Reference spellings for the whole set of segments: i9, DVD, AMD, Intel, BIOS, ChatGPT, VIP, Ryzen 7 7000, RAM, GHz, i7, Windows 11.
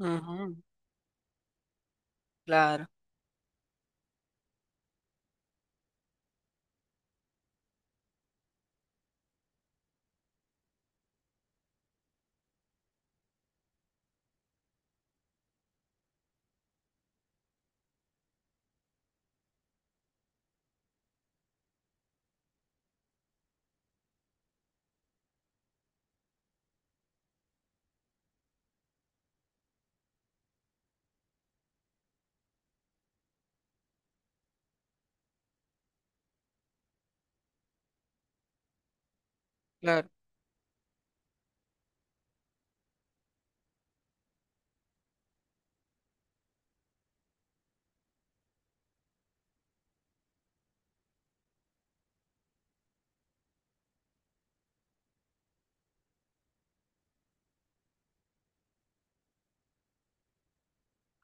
Ujú, claro, claro.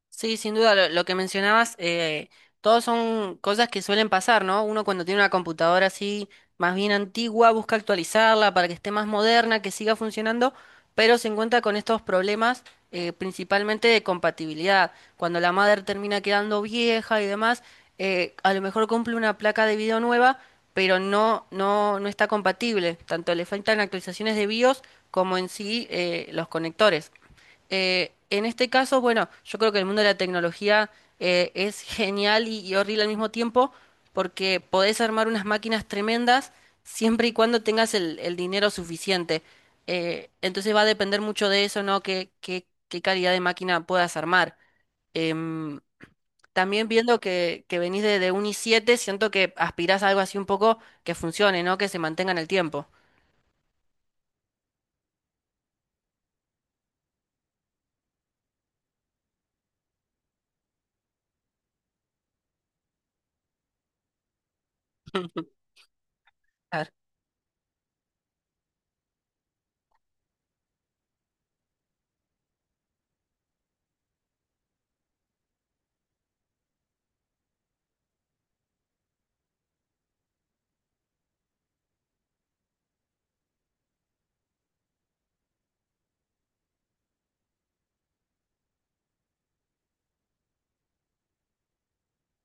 Sí, sin duda, lo que mencionabas, todos son cosas que suelen pasar, ¿no? Uno cuando tiene una computadora así más bien antigua, busca actualizarla para que esté más moderna, que siga funcionando, pero se encuentra con estos problemas principalmente de compatibilidad. Cuando la madre termina quedando vieja y demás, a lo mejor cumple una placa de video nueva, pero no, no, no está compatible. Tanto le faltan actualizaciones de BIOS como en sí los conectores. En este caso, bueno, yo creo que el mundo de la tecnología es genial y horrible al mismo tiempo, porque podés armar unas máquinas tremendas siempre y cuando tengas el dinero suficiente. Entonces va a depender mucho de eso, ¿no? ¿Qué calidad de máquina puedas armar? Em, También viendo que venís de un i7, siento que aspirás a algo así un poco que funcione, ¿no? Que se mantenga en el tiempo. Claro,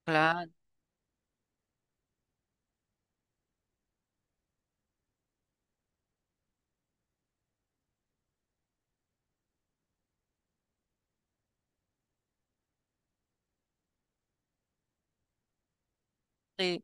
claro, sí.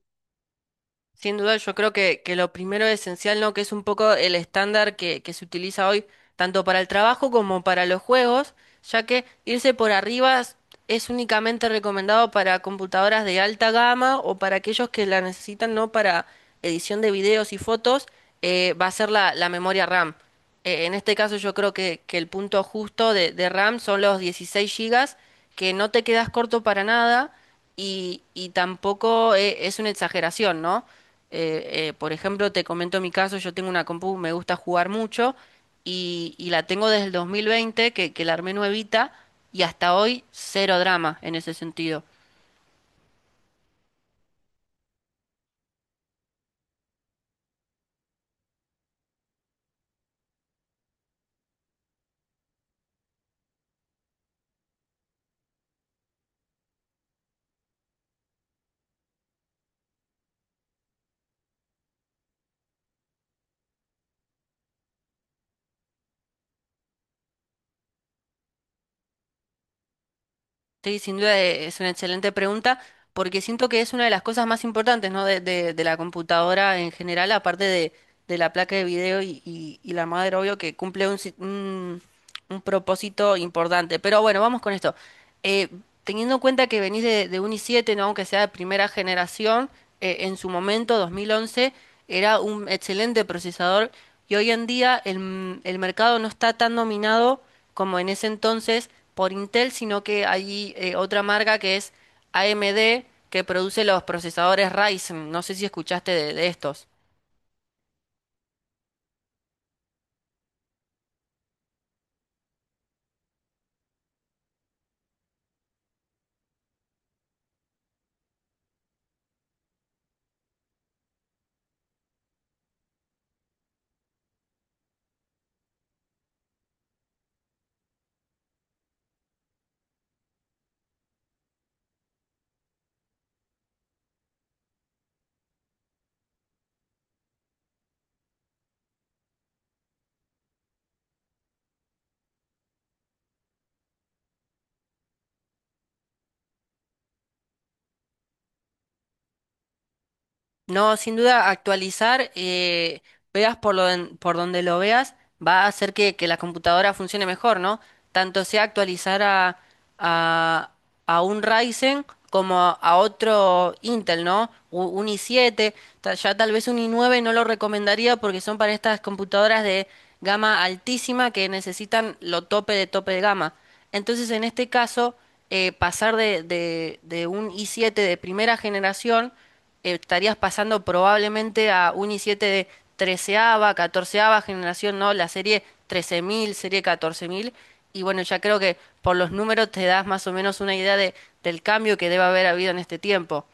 Sin duda, yo creo que lo primero esencial, ¿no? Que es un poco el estándar que se utiliza hoy, tanto para el trabajo como para los juegos, ya que irse por arriba es únicamente recomendado para computadoras de alta gama o para aquellos que la necesitan, ¿no? Para edición de videos y fotos, va a ser la memoria RAM. En este caso, yo creo que el punto justo de RAM son los 16 gigas, que no te quedas corto para nada y tampoco es una exageración, ¿no? Por ejemplo, te comento mi caso, yo tengo una compu, me gusta jugar mucho y la tengo desde el 2020, que la armé nuevita y hasta hoy cero drama en ese sentido. Sí, sin duda es una excelente pregunta, porque siento que es una de las cosas más importantes, ¿no? De la computadora en general, aparte de la placa de video y la madre, obvio, que cumple un, si- un propósito importante. Pero bueno, vamos con esto. Eh, Teniendo en cuenta que venís de un i7, ¿no? Aunque sea de primera generación, en su momento, 2011, era un excelente procesador y hoy en día el mercado no está tan dominado como en ese entonces por Intel, sino que hay otra marca que es AMD, que produce los procesadores Ryzen. No sé si escuchaste de estos. No, sin duda, actualizar, veas por donde lo veas, va a hacer que la computadora funcione mejor, ¿no? Tanto sea actualizar a, a un Ryzen como a otro Intel, ¿no? Un i7, ya tal vez un i9 no lo recomendaría porque son para estas computadoras de gama altísima que necesitan lo tope de gama. Entonces, en este caso, pasar de un i7 de primera generación, estarías pasando probablemente a un i7 de treceava, catorceava generación, ¿no? La serie 13.000, serie 14.000. Y bueno, ya creo que por los números te das más o menos una idea del cambio que debe haber habido en este tiempo.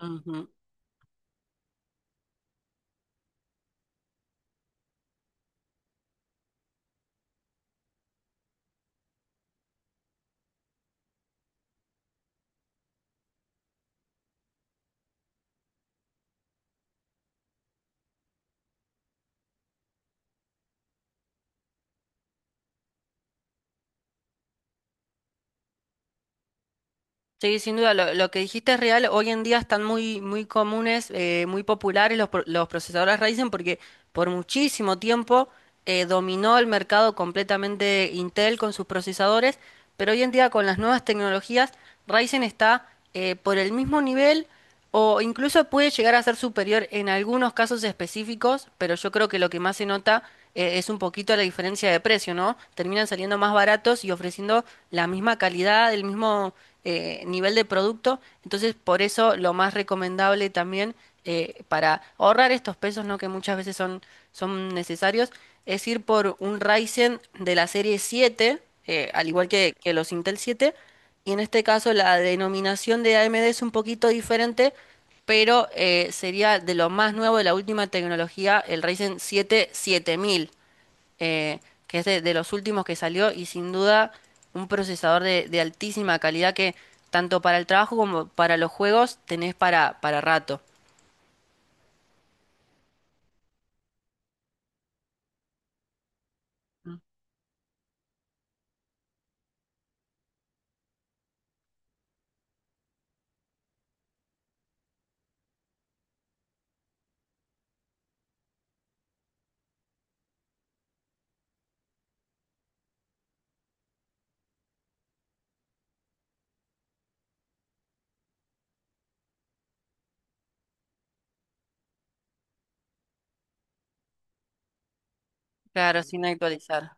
Ujú. Sí, sin duda, lo que dijiste es real. Hoy en día están muy, muy comunes, muy populares los procesadores Ryzen porque por muchísimo tiempo dominó el mercado completamente Intel con sus procesadores, pero hoy en día con las nuevas tecnologías, Ryzen está por el mismo nivel. O incluso puede llegar a ser superior en algunos casos específicos, pero yo creo que lo que más se nota es un poquito la diferencia de precio, ¿no? Terminan saliendo más baratos y ofreciendo la misma calidad, el mismo nivel de producto. Entonces, por eso lo más recomendable también para ahorrar estos pesos, ¿no? Que muchas veces son necesarios, es ir por un Ryzen de la serie siete, al igual que los Intel siete, y en este caso la denominación de AMD es un poquito diferente, pero sería de lo más nuevo de la última tecnología, el Ryzen 7 7000, eh, que es de los últimos que salió y sin duda un procesador de altísima calidad que tanto para el trabajo como para los juegos tenés para rato. Claro, sin actualizar.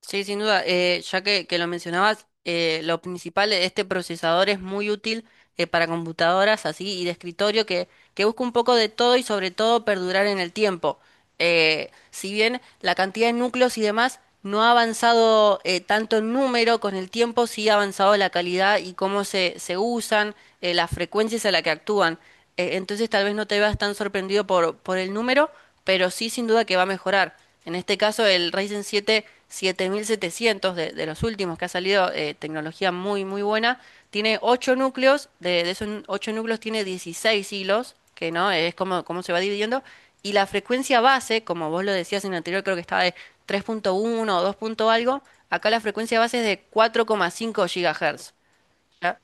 Sí, sin duda. Ya que lo mencionabas, lo principal de este procesador es muy útil para computadoras así y de escritorio que busca un poco de todo y sobre todo perdurar en el tiempo. Si bien la cantidad de núcleos y demás no ha avanzado tanto en número con el tiempo, sí ha avanzado la calidad y cómo se usan, las frecuencias a las que actúan. Entonces tal vez no te veas tan sorprendido por el número, pero sí sin duda que va a mejorar. En este caso el Ryzen siete 7.700 de los últimos que ha salido, tecnología muy muy buena, tiene 8 núcleos, de esos 8 núcleos tiene 16 hilos, que no es como se va dividiendo, y la frecuencia base, como vos lo decías en el anterior, creo que estaba de 3,1 o 2 punto algo. Acá la frecuencia base es de 4,5 GHz, ¿ya?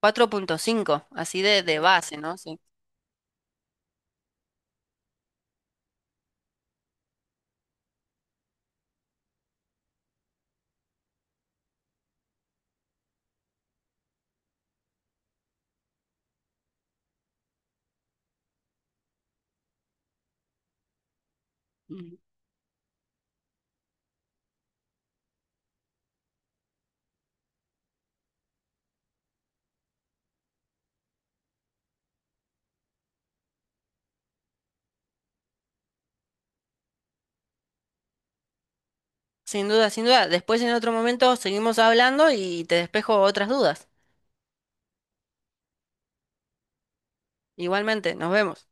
4,5 así de base, ¿no? Sí. Sin duda, sin duda. Después en otro momento seguimos hablando y te despejo otras dudas. Igualmente, nos vemos.